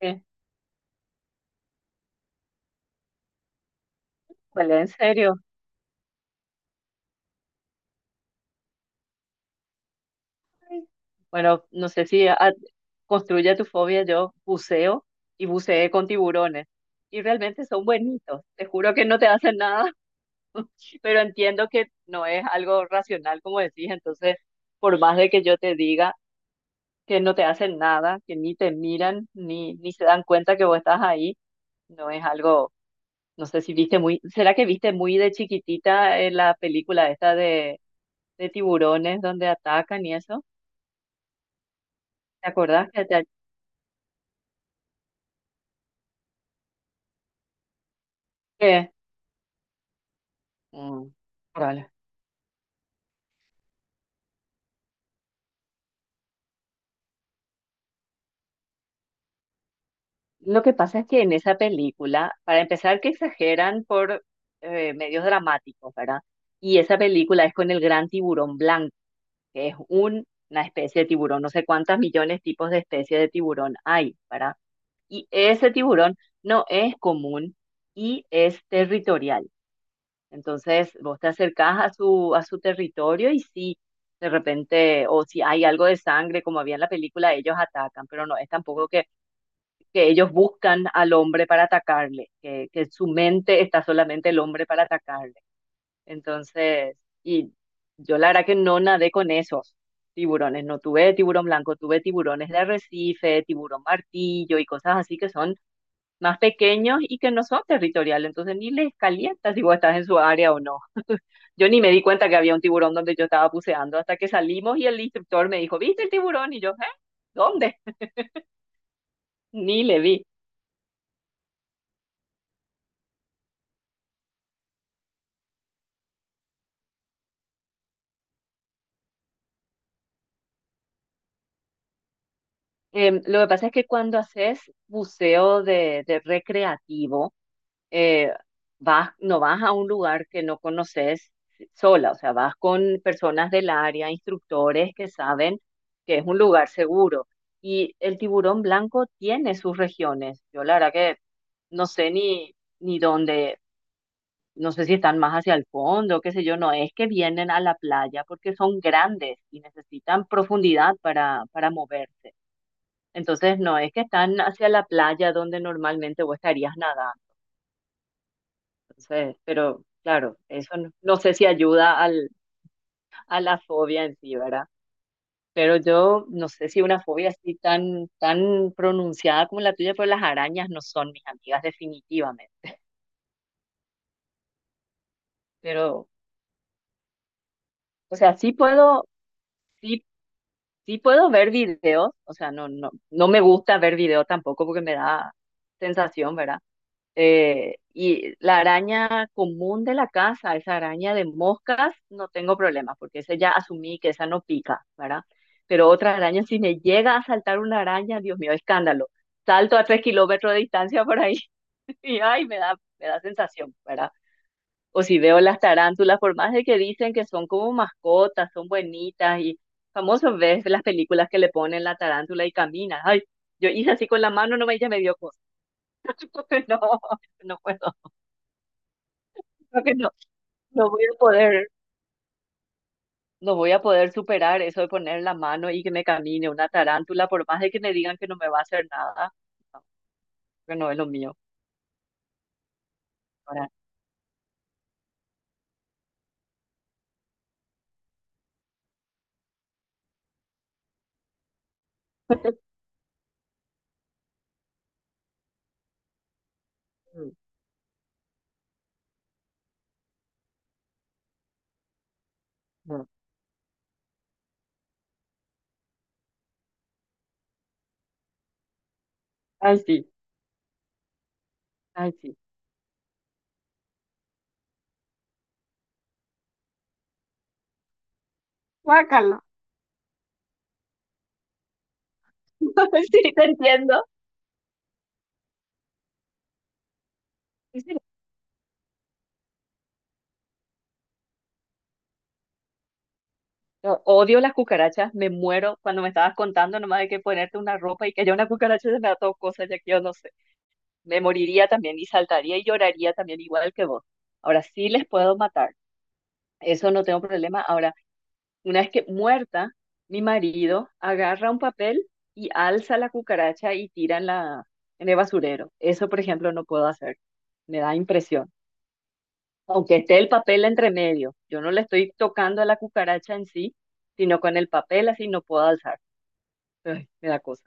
Eh, Vale, en serio. Ay. Bueno, no sé si a- construye tu fobia. Yo buceo y buceé con tiburones. Y realmente son buenitos. Te juro que no te hacen nada, pero entiendo que no es algo racional, como decís. Entonces, por más de que yo te diga que no te hacen nada, que ni te miran, ni se dan cuenta que vos estás ahí, no es algo, no sé si viste muy, ¿será que viste muy de chiquitita la película esta de tiburones donde atacan y eso? ¿Te acordás que- mm, dale? Lo que pasa es que en esa película, para empezar, que exageran por medios dramáticos, ¿verdad? Y esa película es con el gran tiburón blanco, que es una especie de tiburón, no sé cuántas millones tipos de especies de tiburón hay, ¿verdad? Y ese tiburón no es común y es territorial. Entonces, vos te acercás a su territorio y sí, de repente, o si hay algo de sangre, como había en la película, ellos atacan, pero no es tampoco que ellos buscan al hombre para atacarle, que en su mente está solamente el hombre para atacarle. Entonces, y yo la verdad que no nadé con esos tiburones, no tuve tiburón blanco, tuve tiburones de arrecife, tiburón martillo y cosas así que son más pequeños y que no son territoriales, entonces ni les calienta si vos estás en su área o no. Yo ni me di cuenta que había un tiburón donde yo estaba buceando hasta que salimos y el instructor me dijo, ¿viste el tiburón? Y yo, ¿eh? ¿Dónde? Ni le vi. Lo que pasa es que cuando haces buceo de recreativo, eh, vas, no vas a un lugar que no conoces sola, o sea, vas con personas del área, instructores que saben que es un lugar seguro. Y el tiburón blanco tiene sus regiones. Yo la verdad que no sé ni dónde, no sé si están más hacia el fondo, qué sé yo, no es que vienen a la playa porque son grandes y necesitan profundidad para moverse. Entonces, no es que están hacia la playa donde normalmente vos estarías nadando. Entonces, pero claro, eso no, no sé si ayuda al, a la fobia en sí, ¿verdad? Pero yo no sé si una fobia así tan pronunciada como la tuya, pero las arañas no son mis amigas definitivamente. Pero, o sea, sí puedo, sí sí puedo ver videos, o sea, no me gusta ver videos tampoco porque me da sensación, ¿verdad? Y la araña común de la casa, esa araña de moscas, no tengo problema porque esa ya asumí que esa no pica, ¿verdad? Pero otra araña, si me llega a saltar una araña, Dios mío, escándalo. Salto a tres kilómetros de distancia por ahí y ay, me da sensación, ¿verdad? O si veo las tarántulas, por más de que dicen que son como mascotas, son buenitas y famoso ves las películas que le ponen la tarántula y camina. Ay, yo hice así con la mano, no me, ella me dio cosa. No, no puedo, creo que no, no voy a poder, no voy a poder superar eso de poner la mano y que me camine una tarántula, por más de que me digan que no me va a hacer nada. No, que no es lo mío. Ahora, no. Ay, sí, ay, sí. Guácala. Sí, te entiendo. Sí, yo odio las cucarachas, me muero cuando me estabas contando nomás de que ponerte una ropa y que haya una cucaracha se me da todo cosa, ya que yo no sé. Me moriría también y saltaría y lloraría también igual que vos. Ahora sí les puedo matar, eso no tengo problema. Ahora, una vez que muerta, mi marido agarra un papel y alza la cucaracha y tira en la, en el basurero. Eso, por ejemplo, no puedo hacer, me da impresión. Aunque esté el papel entre medio, yo no le estoy tocando a la cucaracha en sí, sino con el papel así no puedo alzar. Ay, me da cosa.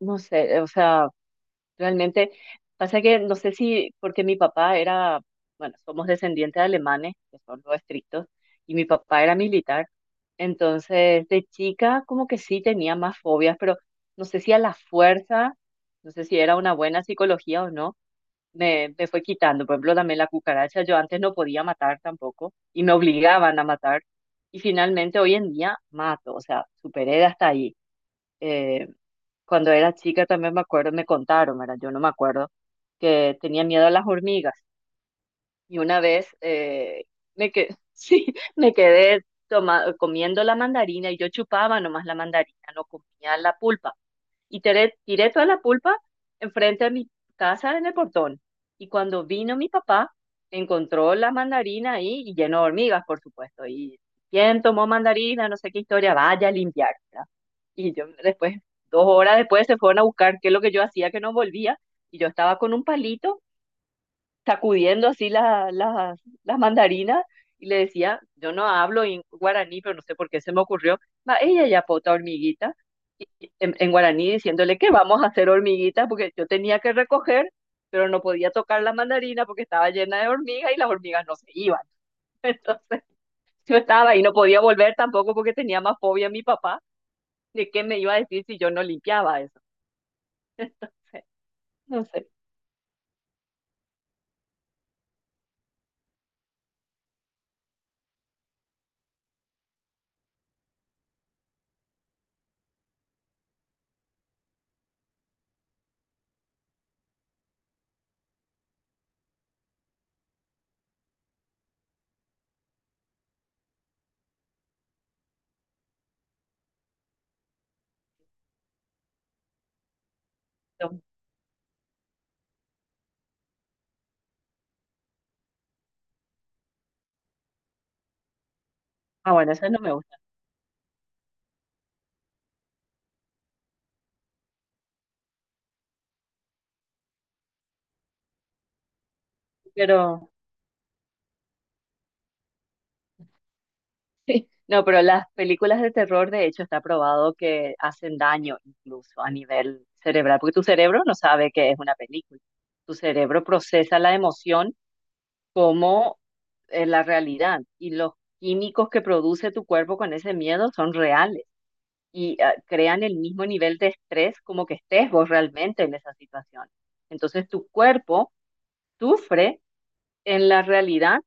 No sé, o sea, realmente pasa que no sé si porque mi papá era, bueno, somos descendientes de alemanes, que son los estrictos, y mi papá era militar. Entonces, de chica como que sí tenía más fobias, pero no sé si a la fuerza, no sé si era una buena psicología o no, me fue quitando. Por ejemplo, también la cucaracha, yo antes no podía matar tampoco y me obligaban a matar. Y finalmente hoy en día mato, o sea, superé hasta ahí. Eh, Cuando era chica también me acuerdo, me contaron, ¿verdad? Yo no me acuerdo, que tenía miedo a las hormigas. Y una vez sí, me quedé comiendo la mandarina y yo chupaba nomás la mandarina, no comía la pulpa y tiré toda la pulpa enfrente de mi casa en el portón. Y cuando vino mi papá, encontró la mandarina ahí y lleno de hormigas, por supuesto. Y quién tomó mandarina, no sé qué historia, vaya a limpiar, ¿verdad? Y yo después, dos horas después, se fueron a buscar qué es lo que yo hacía, que no volvía. Y yo estaba con un palito sacudiendo así las mandarinas y le decía, yo no hablo en guaraní, pero no sé por qué se me ocurrió, ma ella ya pota hormiguita, y en guaraní diciéndole que vamos a hacer hormiguitas porque yo tenía que recoger, pero no podía tocar la mandarina porque estaba llena de hormigas y las hormigas no se iban. Entonces yo estaba y no podía volver tampoco porque tenía más fobia a mi papá de qué me iba a decir si yo no limpiaba eso. Entonces, no sé. No. Ah, bueno, eso no me gusta, pero... Sí. No, pero las películas de terror, de hecho, está probado que hacen daño incluso a nivel cerebral, porque tu cerebro no sabe que es una película. Tu cerebro procesa la emoción como la realidad y los químicos que produce tu cuerpo con ese miedo son reales y crean el mismo nivel de estrés como que estés vos realmente en esa situación. Entonces tu cuerpo sufre en la realidad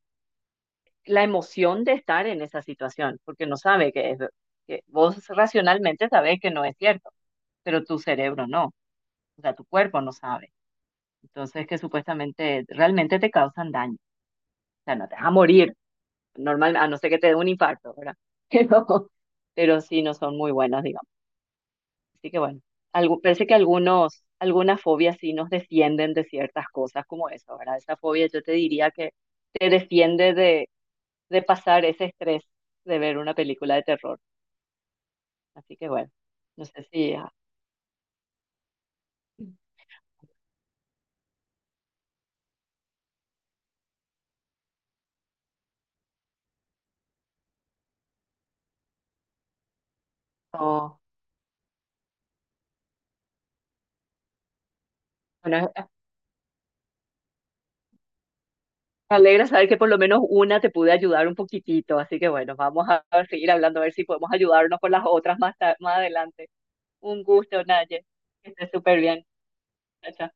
la emoción de estar en esa situación, porque no sabe que es, que vos racionalmente sabés que no es cierto, pero tu cerebro no, o sea, tu cuerpo no sabe. Entonces, que supuestamente realmente te causan daño, o sea, no te vas a morir, normal, a no ser que te dé un infarto, ¿verdad? Pero, pero sí no son muy buenas, digamos. Así que bueno, algo, parece que algunos, algunas fobias sí nos defienden de ciertas cosas como eso, ¿verdad? Esa fobia yo te diría que te defiende de pasar ese estrés de ver una película de terror. Así que bueno, no sé si... no- bueno, me alegra saber que por lo menos una te pude ayudar un poquitito. Así que bueno, vamos a a seguir hablando, a ver si podemos ayudarnos con las otras más, más adelante. Un gusto, Naye. Que estés súper bien. Chao, chao.